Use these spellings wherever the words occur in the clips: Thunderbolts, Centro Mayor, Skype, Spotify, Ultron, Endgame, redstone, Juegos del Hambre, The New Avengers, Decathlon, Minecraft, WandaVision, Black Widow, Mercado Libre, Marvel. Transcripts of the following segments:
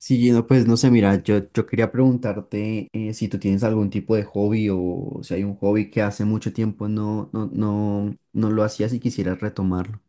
Sí, no, pues no sé, mira, yo quería preguntarte si tú tienes algún tipo de hobby o si hay un hobby que hace mucho tiempo no lo hacías y quisieras retomarlo.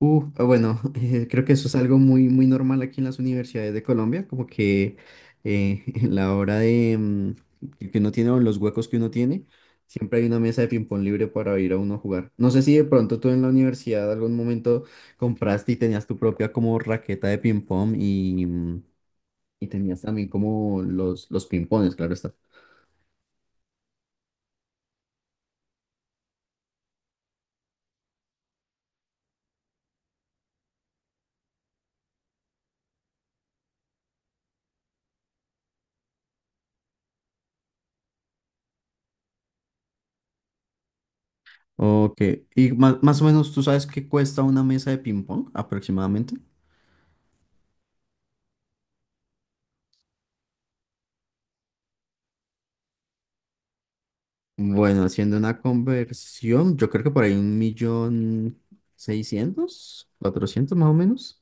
Bueno, creo que eso es algo muy, muy normal aquí en las universidades de Colombia, como que en la hora de que uno tiene o en los huecos que uno tiene, siempre hay una mesa de ping-pong libre para ir a uno a jugar. No sé si de pronto tú en la universidad algún momento compraste y tenías tu propia como raqueta de ping-pong y tenías también como los pimpones, claro está. Ok. ¿Y más o menos tú sabes qué cuesta una mesa de ping-pong aproximadamente? Bueno, haciendo una conversión, yo creo que por ahí un millón seiscientos, cuatrocientos más o menos.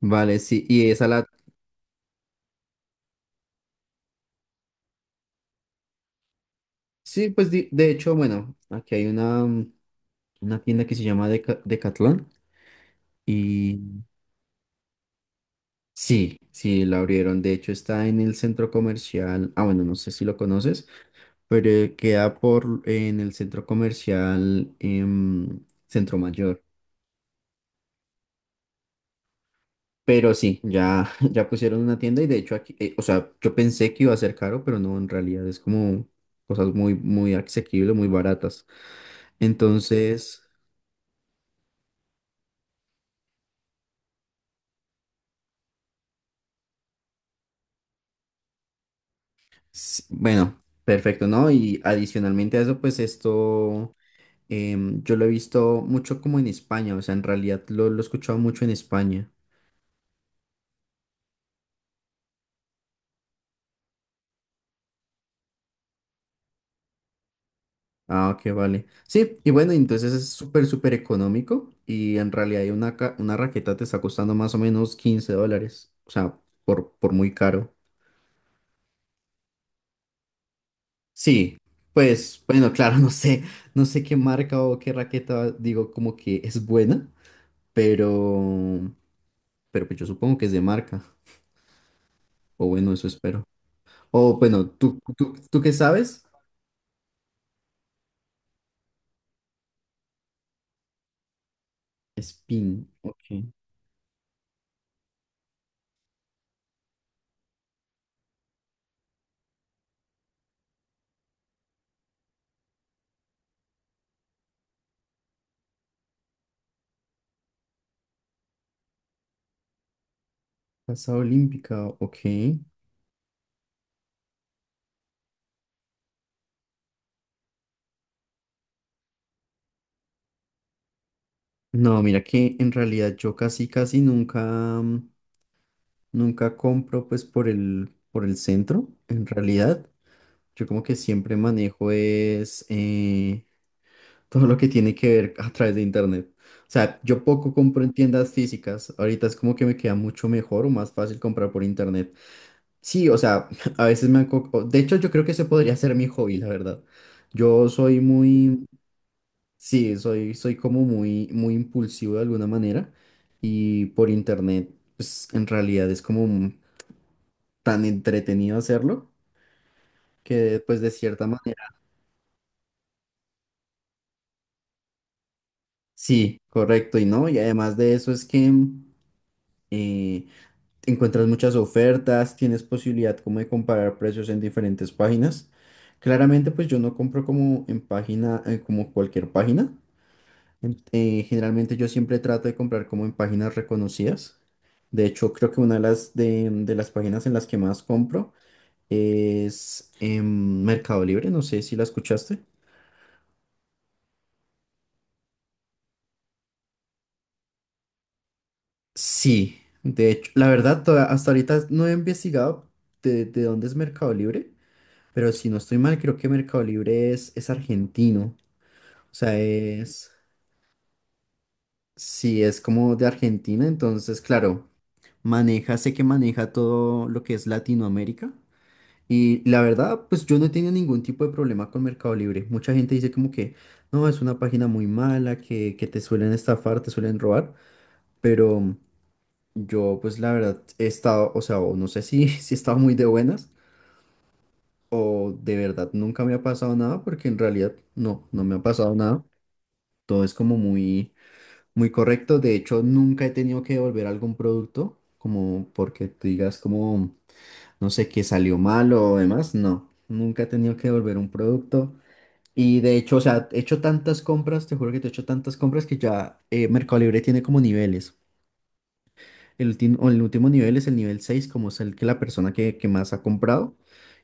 Vale, sí, y esa la. Sí, pues de hecho, bueno, aquí hay una tienda que se llama Decathlon y sí, sí, la abrieron. De hecho, está en el centro comercial. Ah, bueno, no sé si lo conoces, pero queda por en el centro comercial Centro Mayor. Pero sí, ya, ya pusieron una tienda y de hecho aquí, o sea, yo pensé que iba a ser caro, pero no, en realidad es como cosas muy, muy asequibles, muy baratas. Entonces, bueno, perfecto, ¿no? Y adicionalmente a eso, pues esto yo lo he visto mucho como en España, o sea, en realidad lo he escuchado mucho en España. Ah, ok, vale. Sí, y bueno, entonces es súper, súper económico y en realidad hay una raqueta te está costando más o menos 15 dólares, o sea, por muy caro. Sí, pues bueno, claro, no sé qué marca o qué raqueta digo como que es buena, pero, pero pues yo supongo que es de marca, o bueno, eso espero. O bueno, ¿tú qué sabes? Spin, ok. Casa Olímpica, ok. No, mira que en realidad yo casi, casi nunca, nunca compro pues por el centro, en realidad. Yo como que siempre manejo es todo lo que tiene que ver a través de internet. O sea, yo poco compro en tiendas físicas. Ahorita es como que me queda mucho mejor o más fácil comprar por internet. Sí, o sea, a veces me han. De hecho, yo creo que ese podría ser mi hobby, la verdad. Yo soy muy. Sí, soy como muy, muy impulsivo de alguna manera y por internet, pues en realidad es como tan entretenido hacerlo que pues de cierta manera sí, correcto y no, y además de eso es que eh, encuentras muchas ofertas, tienes posibilidad como de comparar precios en diferentes páginas. Claramente pues yo no compro como en página, como cualquier página. Generalmente yo siempre trato de comprar como en páginas reconocidas. De hecho, creo que una de las páginas en las que más compro es Mercado Libre, no sé si la escuchaste. Sí, de hecho, la verdad, hasta ahorita no he investigado de dónde es Mercado Libre, pero si no estoy mal, creo que Mercado Libre es argentino. O sea, es, sí, es como de Argentina, entonces, claro, maneja, sé que maneja todo lo que es Latinoamérica. Y la verdad, pues yo no he tenido ningún tipo de problema con Mercado Libre. Mucha gente dice como que, no, es una página muy mala, que te suelen estafar, te suelen robar, pero. Yo, pues la verdad, he estado, o sea, o no sé si, si he estado muy de buenas o de verdad nunca me ha pasado nada, porque en realidad no me ha pasado nada. Todo es como muy, muy correcto. De hecho, nunca he tenido que devolver algún producto, como porque tú digas como, no sé, que salió mal o demás. No, nunca he tenido que devolver un producto. Y de hecho, o sea, he hecho tantas compras, te juro que te he hecho tantas compras que ya Mercado Libre tiene como niveles. El último nivel es el nivel 6 como es el que la persona que más ha comprado,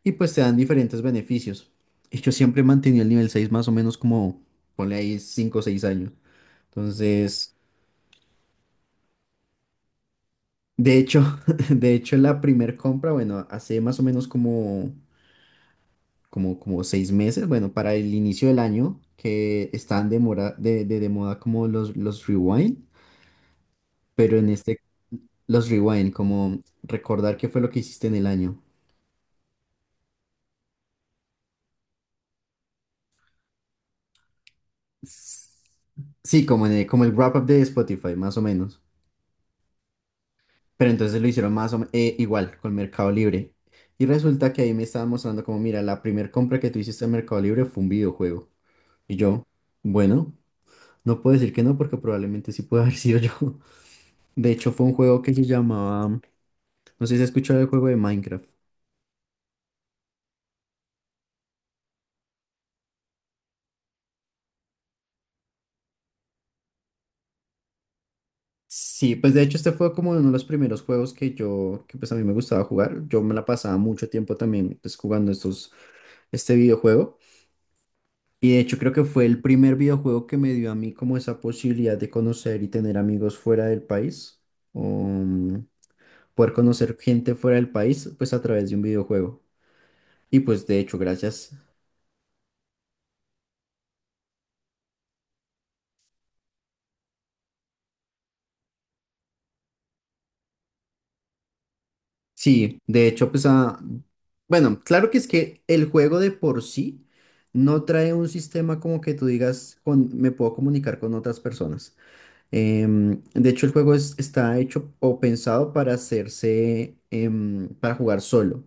y pues te dan diferentes beneficios. Y yo siempre he mantenido el nivel seis más o menos como, ponle ahí 5 o 6 años. Entonces, de hecho, de hecho la primer compra, bueno, hace más o menos como 6 meses, bueno, para el inicio del año, que están de, mora- de moda como los rewind, pero en este, los rewind, como recordar qué fue lo que hiciste en el año. Sí, como, en el, como el wrap-up de Spotify, más o menos. Pero entonces lo hicieron más o igual con Mercado Libre. Y resulta que ahí me estaban mostrando como, mira, la primera compra que tú hiciste en Mercado Libre fue un videojuego. Y yo, bueno, no puedo decir que no porque probablemente sí puede haber sido yo. De hecho, fue un juego que se llamaba, no sé si has escuchado el juego de Minecraft. Sí, pues de hecho este fue como uno de los primeros juegos que yo, que pues a mí me gustaba jugar. Yo me la pasaba mucho tiempo también pues jugando este videojuego. Y de hecho creo que fue el primer videojuego que me dio a mí como esa posibilidad de conocer y tener amigos fuera del país, um, poder conocer gente fuera del país, pues a través de un videojuego. Y pues de hecho, gracias. Sí, de hecho, pues a. Bueno, claro que es que el juego de por sí no trae un sistema como que tú digas, con, me puedo comunicar con otras personas. De hecho, el juego está hecho o pensado para hacerse, para jugar solo.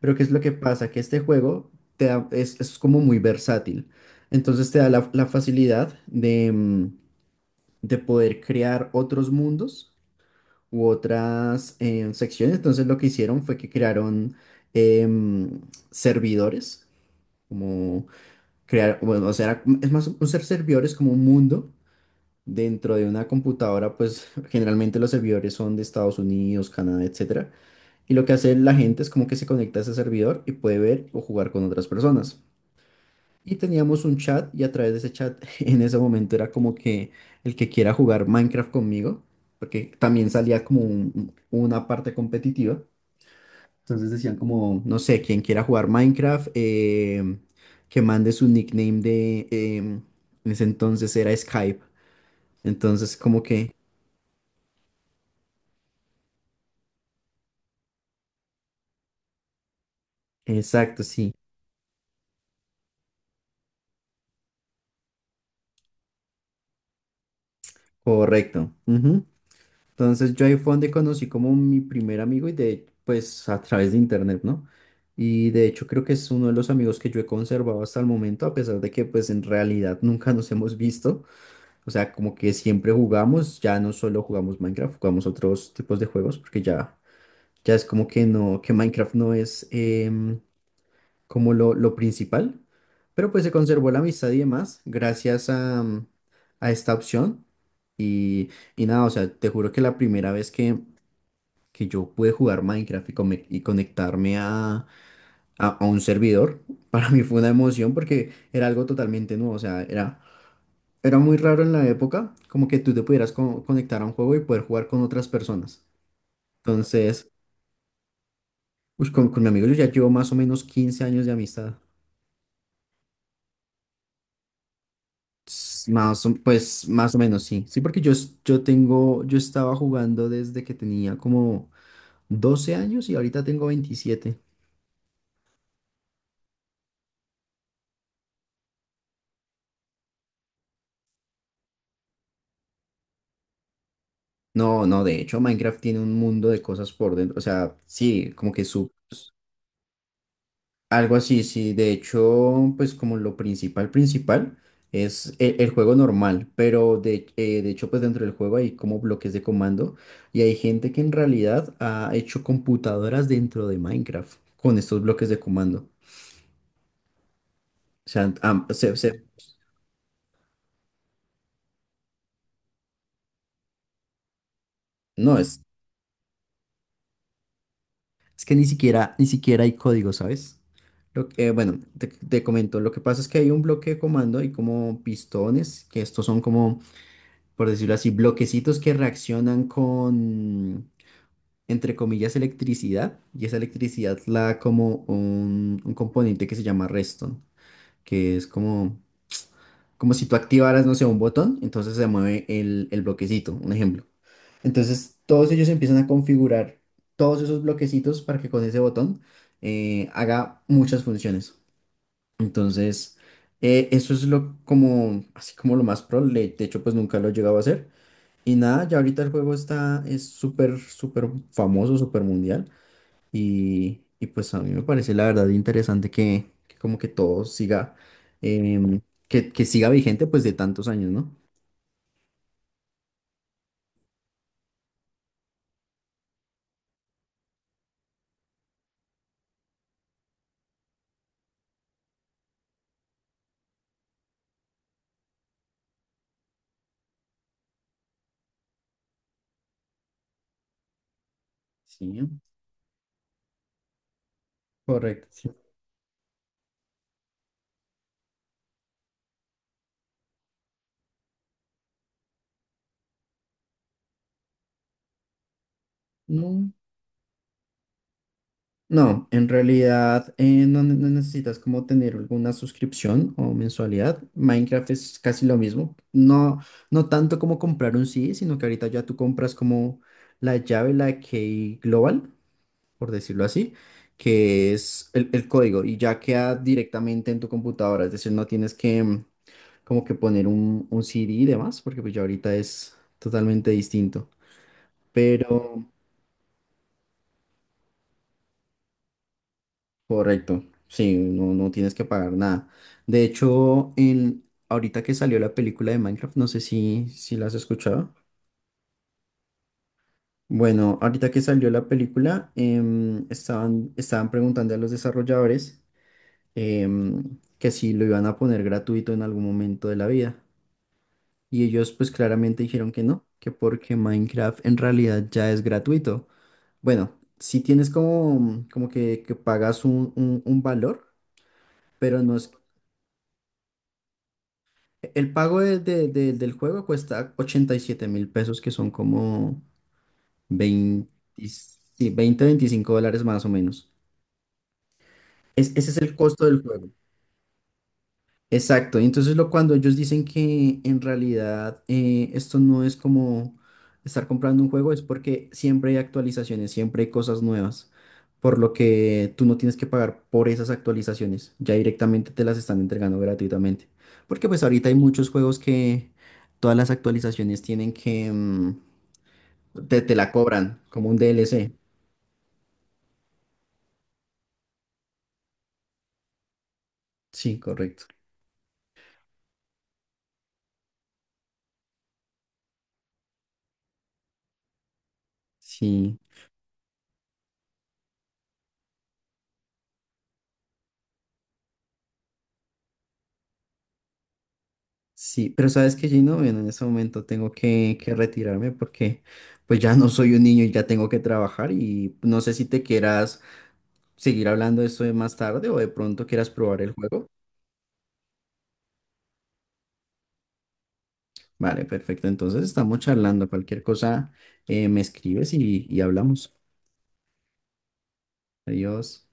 Pero ¿qué es lo que pasa? Que este juego es como muy versátil. Entonces te da la facilidad de poder crear otros mundos u otras secciones. Entonces lo que hicieron fue que crearon em, servidores, como crear, bueno, o sea, era como es más, un servidor es como un mundo dentro de una computadora, pues generalmente los servidores son de Estados Unidos, Canadá, etcétera y lo que hace la gente es como que se conecta a ese servidor y puede ver o jugar con otras personas. Y teníamos un chat y a través de ese chat en ese momento era como que el que quiera jugar Minecraft conmigo, porque también salía como una parte competitiva. Entonces decían como, no sé, quien quiera jugar Minecraft, que mande su nickname de en ese entonces era Skype. Entonces como que, exacto, sí, correcto. Entonces yo ahí fue donde conocí como mi primer amigo y de, pues a través de internet, ¿no? Y de hecho creo que es uno de los amigos que yo he conservado hasta el momento, a pesar de que pues en realidad nunca nos hemos visto. O sea, como que siempre jugamos, ya no solo jugamos Minecraft, jugamos otros tipos de juegos, porque ya es como que no, que Minecraft no es como lo principal. Pero pues se conservó la amistad y demás gracias a esta opción. Y, y nada, o sea, te juro que la primera vez que yo pude jugar Minecraft y conectarme a un servidor, para mí fue una emoción porque era algo totalmente nuevo, o sea, era muy raro en la época como que tú te pudieras conectar a un juego y poder jugar con otras personas. Entonces, con mi amigo yo ya llevo más o menos 15 años de amistad. Pues más o menos sí, sí, porque yo, es- yo tengo, yo estaba jugando desde que tenía como 12 años y ahorita tengo 27. No, no, de hecho Minecraft tiene un mundo de cosas por dentro, o sea, sí, como que su algo así, sí, de hecho, pues como lo principal, principal es el juego normal, pero de hecho, pues dentro del juego hay como bloques de comando y hay gente que en realidad ha hecho computadoras dentro de Minecraft con estos bloques de comando. O sea, no, es que ni siquiera, ni siquiera hay código, ¿sabes? Bueno, te comento, lo que pasa es que hay un bloque de comando y como pistones, que estos son como, por decirlo así, bloquecitos que reaccionan con, entre comillas, electricidad, y esa electricidad la da como un componente que se llama redstone, que es como si tú activaras, no sé, un botón, entonces se mueve el bloquecito, un ejemplo. Entonces, todos ellos empiezan a configurar todos esos bloquecitos para que con ese botón haga muchas funciones. Entonces, eso es lo como, así como lo más pro. De hecho, pues nunca lo he llegado a hacer. Y nada, ya ahorita el juego está, es súper, súper famoso, súper mundial. Y pues a mí me parece la verdad interesante que como que todo siga, em, que siga vigente pues de tantos años, ¿no? Sí, correcto. Sí. No, no, en realidad no necesitas como tener alguna suscripción o mensualidad. Minecraft es casi lo mismo. No, no tanto como comprar un CD, sino que ahorita ya tú compras como la llave, la key global, por decirlo así, que es el código y ya queda directamente en tu computadora. Es decir, no tienes que como que poner un CD y demás, porque pues ya ahorita es totalmente distinto. Pero correcto, sí, no, no tienes que pagar nada. De hecho, ahorita que salió la película de Minecraft, no sé si la has escuchado. Bueno, ahorita que salió la película, estaban preguntando a los desarrolladores que si lo iban a poner gratuito en algún momento de la vida. Y ellos pues claramente dijeron que no, que porque Minecraft en realidad ya es gratuito. Bueno, si tienes como que que, pagas un valor, pero no es. El pago del juego cuesta 87.000 pesos, que son como 20 sí, 20 25 dólares más o menos. Ese es el costo del juego. Exacto, y entonces lo cuando ellos dicen que en realidad esto no es como estar comprando un juego, es porque siempre hay actualizaciones, siempre hay cosas nuevas, por lo que tú no tienes que pagar por esas actualizaciones, ya directamente te las están entregando gratuitamente. Porque pues ahorita hay muchos juegos que todas las actualizaciones tienen que, te la cobran como un DLC. Sí, correcto. Sí. Sí, pero sabes que Gino, bueno, en ese momento tengo que retirarme porque pues ya no soy un niño y ya tengo que trabajar y no sé si te quieras seguir hablando de esto de más tarde o de pronto quieras probar el juego. Vale, perfecto. Entonces estamos charlando. Cualquier cosa me escribes y hablamos. Adiós.